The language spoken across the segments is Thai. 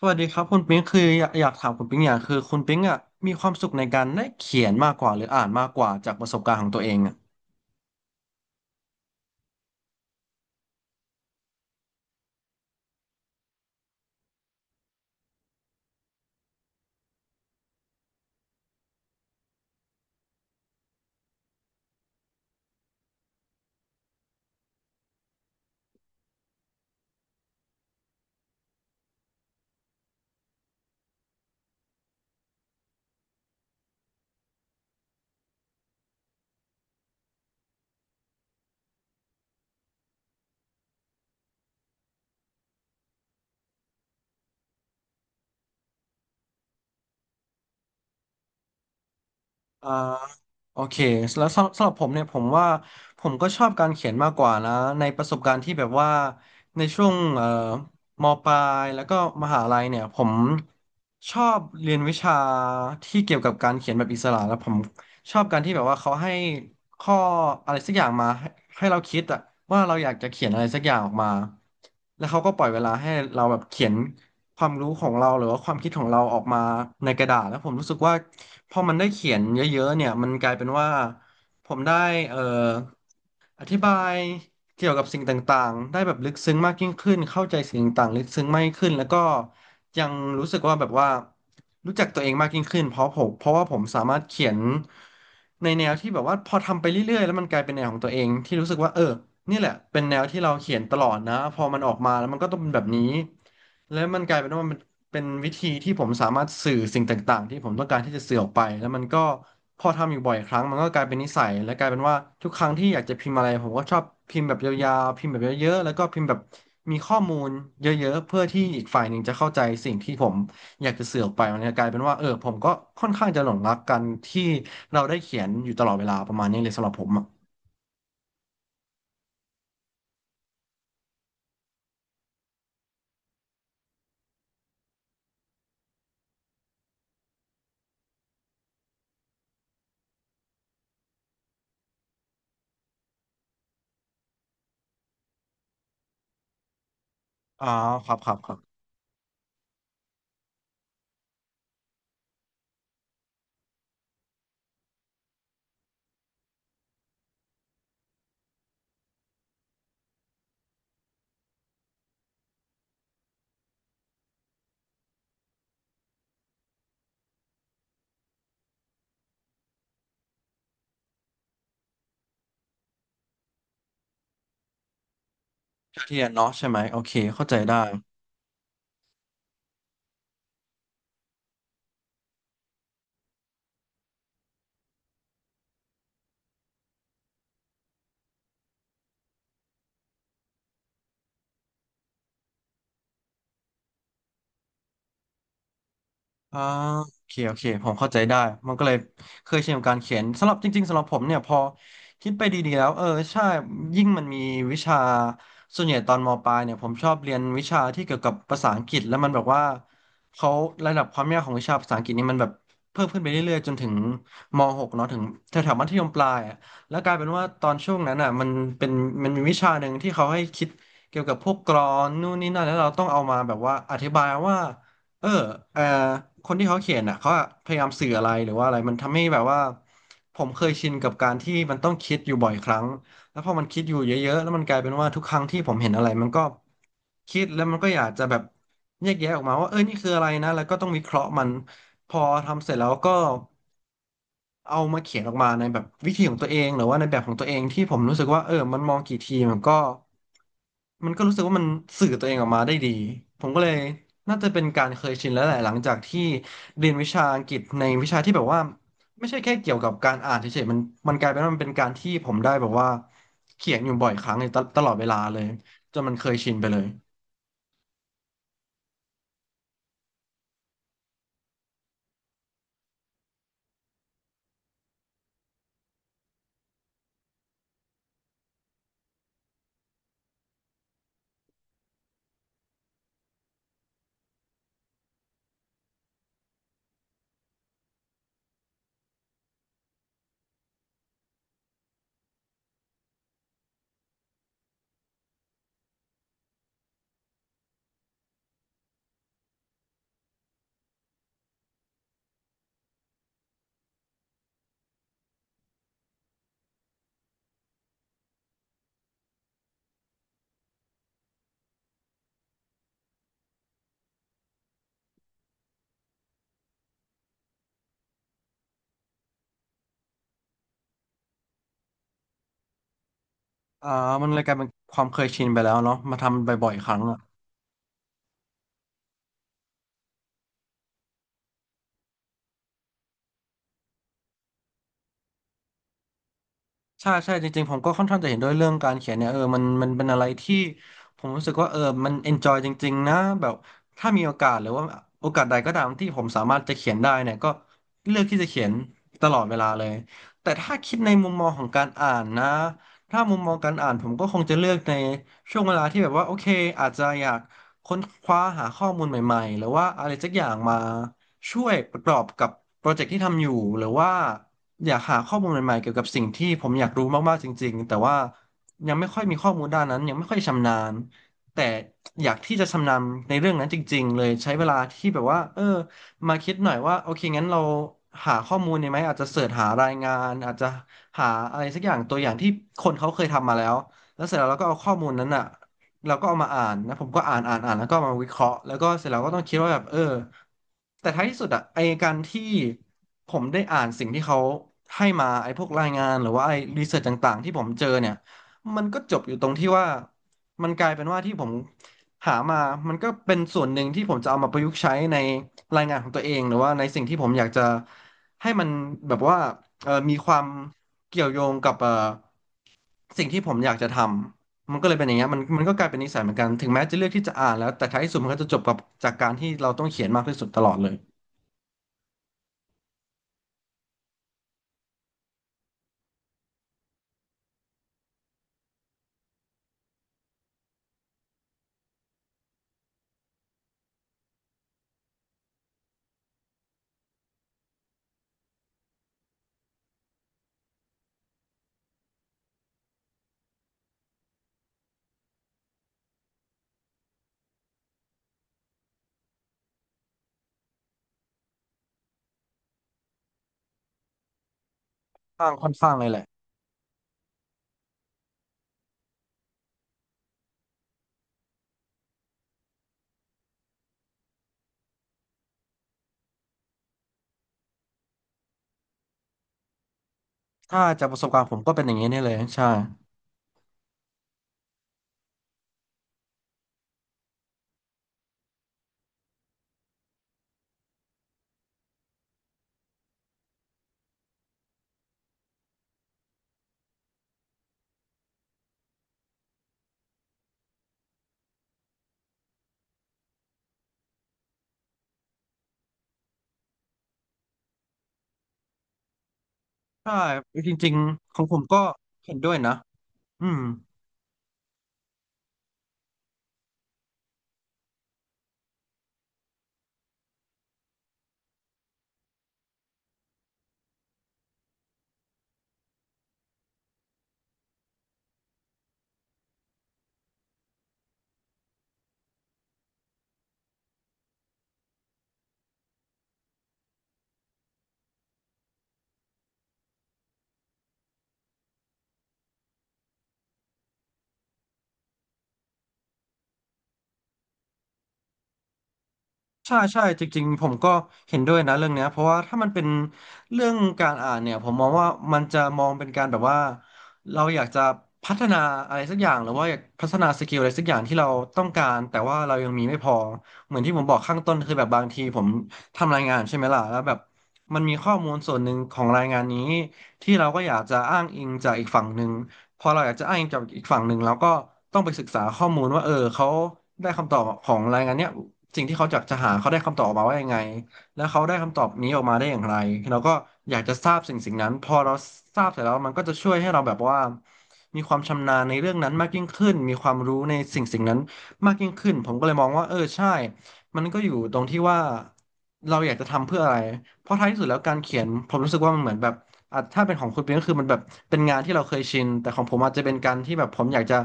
สวัสดีครับคุณปิ๊งคืออยากถามคุณปิ๊งอย่างคือคุณปิ๊งอ่ะมีความสุขในการได้เขียนมากกว่าหรืออ่านมากกว่าจากประสบการณ์ของตัวเองอ่ะ อ่าโอเคแล้วสำหรับผมเนี่ยผมว่าผมก็ชอบการเขียนมากกว่านะในประสบการณ์ที่แบบว่าในช่วงมปลายแล้วก็มหาลัยเนี่ยผมชอบเรียนวิชาที่เกี่ยวกับการเขียนแบบอิสระแล้วผมชอบการที่แบบว่าเขาให้ข้ออะไรสักอย่างมาให้ให้เราคิดอะว่าเราอยากจะเขียนอะไรสักอย่างออกมาแล้วเขาก็ปล่อยเวลาให้เราแบบเขียน ความรู้ของเราหรือว่าความคิดของเราออกมาในกระดาษแล้วผมรู้สึกว่าพอมันได้เขียนเยอะๆเนี่ยมันกลายเป็นว่าผมได้เอ่อ อธิบายเกี่ยวกับสิ่งต่างๆ ได้แบบลึกซึ้งมากยิ่งขึ้น เข้าใจสิ่งต่างๆลึกซึ้งมากยิ่งขึ้นแล้วก็ยังรู้สึกว่าแบบว่ารู้จักตัวเองมากยิ่งขึ้นเพราะว่าผมสามารถเขียนในแนวที่แบบว่าพอทำไปเรื่อยๆแล้วมันกลายเป็นแนวของตัวเองที่รู้สึกว่าเออนี่แหละเป็นแนวที่เราเขียนตลอดนะพอมันออกมาแล้วมันก็ต้องเป็นแบบนี้แล้วมันกลายเป็นว่ามัน เป็นวิธีที่ผมสามารถสื่อสิ่งต่างๆที่ผมต้องการที่จะสื่อออกไปแล้วมันก็พอทำอยู่บ่อยครั้งมันก็กลายเป็นนิสัยและกลายเป็นว่าทุกครั้งที่อยากจะพิมพ์อะไรผมก็ชอบพิมพ์แบบยาวๆพิมพ์แบบเยอะๆแล้วก็พิมพ์แบบมีข้อมูลเยอะๆเพื่อที่อีกฝ่ายหนึ่งจะเข้าใจสิ่งที่ผมอยากจะสื่อออกไปมันก็กลายเป็นว่าเออผมก็ค่อนข้างจะหลงรักกันที่เราได้เขียนอยู่ตลอดเวลาประมาณนี้เลยสำหรับผมอะอ๋อครับครับครับเท่าเทียนเนาะใช่ไหมโอเคเข้าใจได้ อ่าโอเคโอเคผมเข้าใจได้มันก็เลยเคยชินกับการเขียนสำหรับจริงๆสำหรับผมเนี่ยพอคิดไปดีๆแล้วเออใช่ยิ่งมันมีวิชาส่วนใหญ่ตอนมปลายเนี่ยผมชอบเรียนวิชาที่เกี่ยวกับภาษาอังกฤษแล้วมันแบบว่าเขาระดับความยากของวิชาภาษาอังกฤษนี่มันแบบเพิ่มขึ้นไปเรื่อยๆจนถึงม .6 เนาะถึงแถวๆมัธยมปลายอะแล้วกลายเป็นว่าตอนช่วงนั้นอ่ะมันเป็นมันมีวิชาหนึ่งที่เขาให้คิดเกี่ยวกับพวกกลอนนู่นนี่นั่นแล้วเราต้องเอามาแบบว่าอธิบายว่า เออเออคนที่เขาเขียนอ่ะเขาอะพยายามสื่ออะไรหรือว่าอะไรมันทำให้แบบว่าผมเคยชินกับการที่มันต้องคิดอยู่บ่อยครั้ง แล้วพอมันคิดอยู่เยอะๆแล้วมันกลายเป็นว่าทุกครั้งที่ผมเห็นอะไรมันก็คิดแล้วมันก็อยากจะแบบแยกแยะออกมาว่าเออนี่คืออะไรนะแล้วก็ต้องวิเคราะห์มันพอทำเสร็จแล้วก็เอามาเขียนออกมาในแบบวิธีของตัวเองหรือว่าในแบบของตัวเองที่ผมรู้สึกว่าเออมันมองกี่ทีมันก็รู้สึกว่ามันสื่อตัวเองออกมาได้ดีผมก็เลยน่าจะเป็นการเคยชินแล้วแหละหลังจากที่เรียนวิชาอังกฤษในวิชาที่แบบว่า ไม่ใช่แค่เกี่ยวกับการอ่านเฉยๆมันกลายเป็นว่ามันเป็นการที่ผมได้แบบว่าเขียนอยู่บ่อยครั้งเลยตตลอดเวลาเลยจนมันเคยชินไปเลยอ่ามันเลยกลายเป็นความเคยชินไปแล้วเนาะมาทำบ่อยๆครั้งอะ ใช่จริงๆผมก็ค่อนข้างจะเห็นด้วยเรื่องการเขียนเนี่ยเออมันมันเป็นอะไรที่ผมรู้สึกว่าเออมัน enjoy จริงๆนะแบบถ้ามีโอกาสหรือว่าโอกาสใดก็ตามที่ผมสามารถจะเขียนได้เนี่ยก็เลือกที่จะเขียนตลอดเวลาเลยแต่ถ้าคิดในมุมมองของการอ่านนะถ้ามุมมองการอ่านผมก็คงจะเลือกในช่วงเวลาที่แบบว่าโอเคอาจจะอยากค้นคว้าหาข้อมูลใหม่ๆหรือว่าอะไรสักอย่างมาช่วยประกอบกับโปรเจกต์ที่ทำอยู่หรือว่า อยากหาข้อมูลใหม่ๆเกี่ยวกับสิ่งที่ผมอยากรู้มากๆจริงๆแต่ว่ายังไม่ค่อยมีข้อมูลด้านนั้นยังไม่ค่อยชำนาญแต่อยากที่จะชำนาญในเรื่องนั้นจริงๆเลยใช้เวลาที่แบบว่ามาคิดหน่อยว่าโอเคงั้นเราหาข้อมูลดีไหมอาจจะเสิร์ชหารายงานอาจจะหาอะไรสักอย่างตัวอย่างที่คนเขาเคยทำมาแล้วแล้วเสร็จแล้วเราก็เอาข้อมูลนั้นอ่ะ เราก็เอามาอ่านนะผมก็อ่านอ่านอ่านแล้วก็เอามาวิเคราะห์แล้วก็เสร็จแล้วก็ต้องคิดว่าแบบแต่ท้ายที่สุดอะไอการที่ผมได้อ่านสิ่งที่เขาให้มาไอพวกรายงานหรือว่าไอรีเสิร์ชต่างๆที่ผมเจอเนี่ยมันก็จบอยู่ตรงที่ว่ามันกลายเป็นว่าที่ผมหามามันก็เป็นส่วนหนึ่งที่ผมจะเอามาประยุกต์ใช้ในรายงานของตัวเองหรือว่าในสิ่งที่ผมอยากจะให้มันแบบว่ามีความเกี่ยวโยงกับสิ่งที่ผมอยากจะทำ มันก็เลยเป็นอย่างเงี้ยมันก็กลายเป็นนิสัยเหมือนกันถึงแม้จะเลือกที่จะอ่านแล้วแต่ท้ายที่สุดมันก็จะจบกับจากการที่เราต้องเขียนมากที่สุดตลอดเลยค่อนข้างเลยแหละถ้าจากประสบการณ์ผมก็เป็นอย่างนี้นี่เลยใช่ใช่จริงๆของผมก็เห็นด้วยนะอืม ใช่ใช่จริงๆผมก็เห็นด้วยนะเรื่องเนี้ยเพราะว่าถ้ามันเป็นเรื่องการอ่านเนี่ยผมมองว่ามันจะมองเป็นการแบบว่าเราอยากจะพัฒนาอะไรสักอย่างหรือว่าอยากพัฒนาสกิลอะไรสักอย่างที่เราต้องการแต่ว่าเรายังมีไม่พอเหมือนที่ผมบอกข้างต้นคือแบบบางทีผมทำรายงานใช่ไหมล่ะแล้วแบบมันมีข้อมูลส่วนหนึ่งของรายงานนี้ ที่เราก็อยากจะอ้างอิงจากอีกฝั่งหนึ่งพอเราอยากจะอ้างอิงจากอีกฝั่งหนึ่งเราก็ต้องไปศึกษาข้อมูลว่าเขาได้คำตอบของรายงานเนี้ยสิ่งที่เขาอยากจะหาเขาได้คำตอบออกมาว่ายังไงแล้วเขาได้คำตอบนี้ออกมาได้อย่างไรเราก็อยากจะทราบสิ่งสิ่งนั้นพอเราทราบเสร็จแล้วมันก็จะช่วยให้เราแบบว่ามีความชำนาญในเรื่องนั้นมากยิ่งขึ้นมีความรู้ในสิ่งสิ่งนั้นมากยิ่งขึ้นผมก็เลยมองว่าใช่มันก็อยู่ตรงที่ว่าเราอยากจะทำเพื่ออะไรเพราะท้ายที่สุดแล้วการเขียนผมรู้สึกว่ามันเหมือนแบบ อ่ะถ้าเป็นของคุณปิงก็คือมันแบบเป็นงานที่เราเคยชินแต่ของผมอาจจะเป็นการที่แบบผมอยากจะ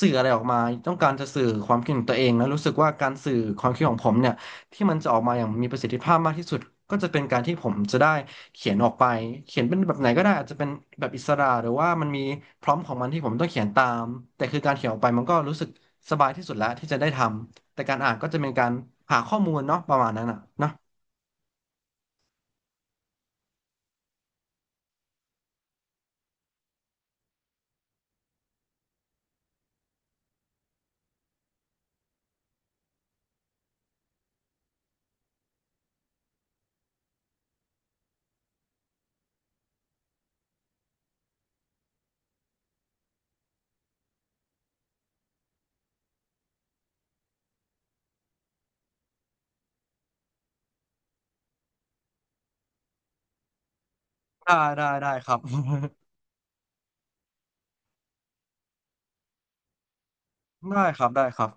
สื่ออะไรออกมาต้องการจะสื่อความคิดของตัวเองแล้วรู้สึกว่าการสื่อความคิดของผมเนี่ยที่มันจะออกมาอย่างมีประสิทธิภาพมากที่สุดก็จะเป็นการที่ผมจะได้เขียนออกไปเขียนเป็นแบบไหนก็ได้อาจจะเป็นแบบอิสระหรือว่ามันมีพร้อมของมันที่ผมต้องเขียนตามแต่คือการเขียนออกไปมันก็รู้สึกสบายที่สุดแล้วที่จะได้ทำแต่การอ่านก็จะเป็นการหาข้อมูลเนาะประมาณนั้นอ่ะเนอะได้ครับ ได้ครับ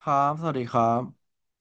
ครับ สวัสดีครับ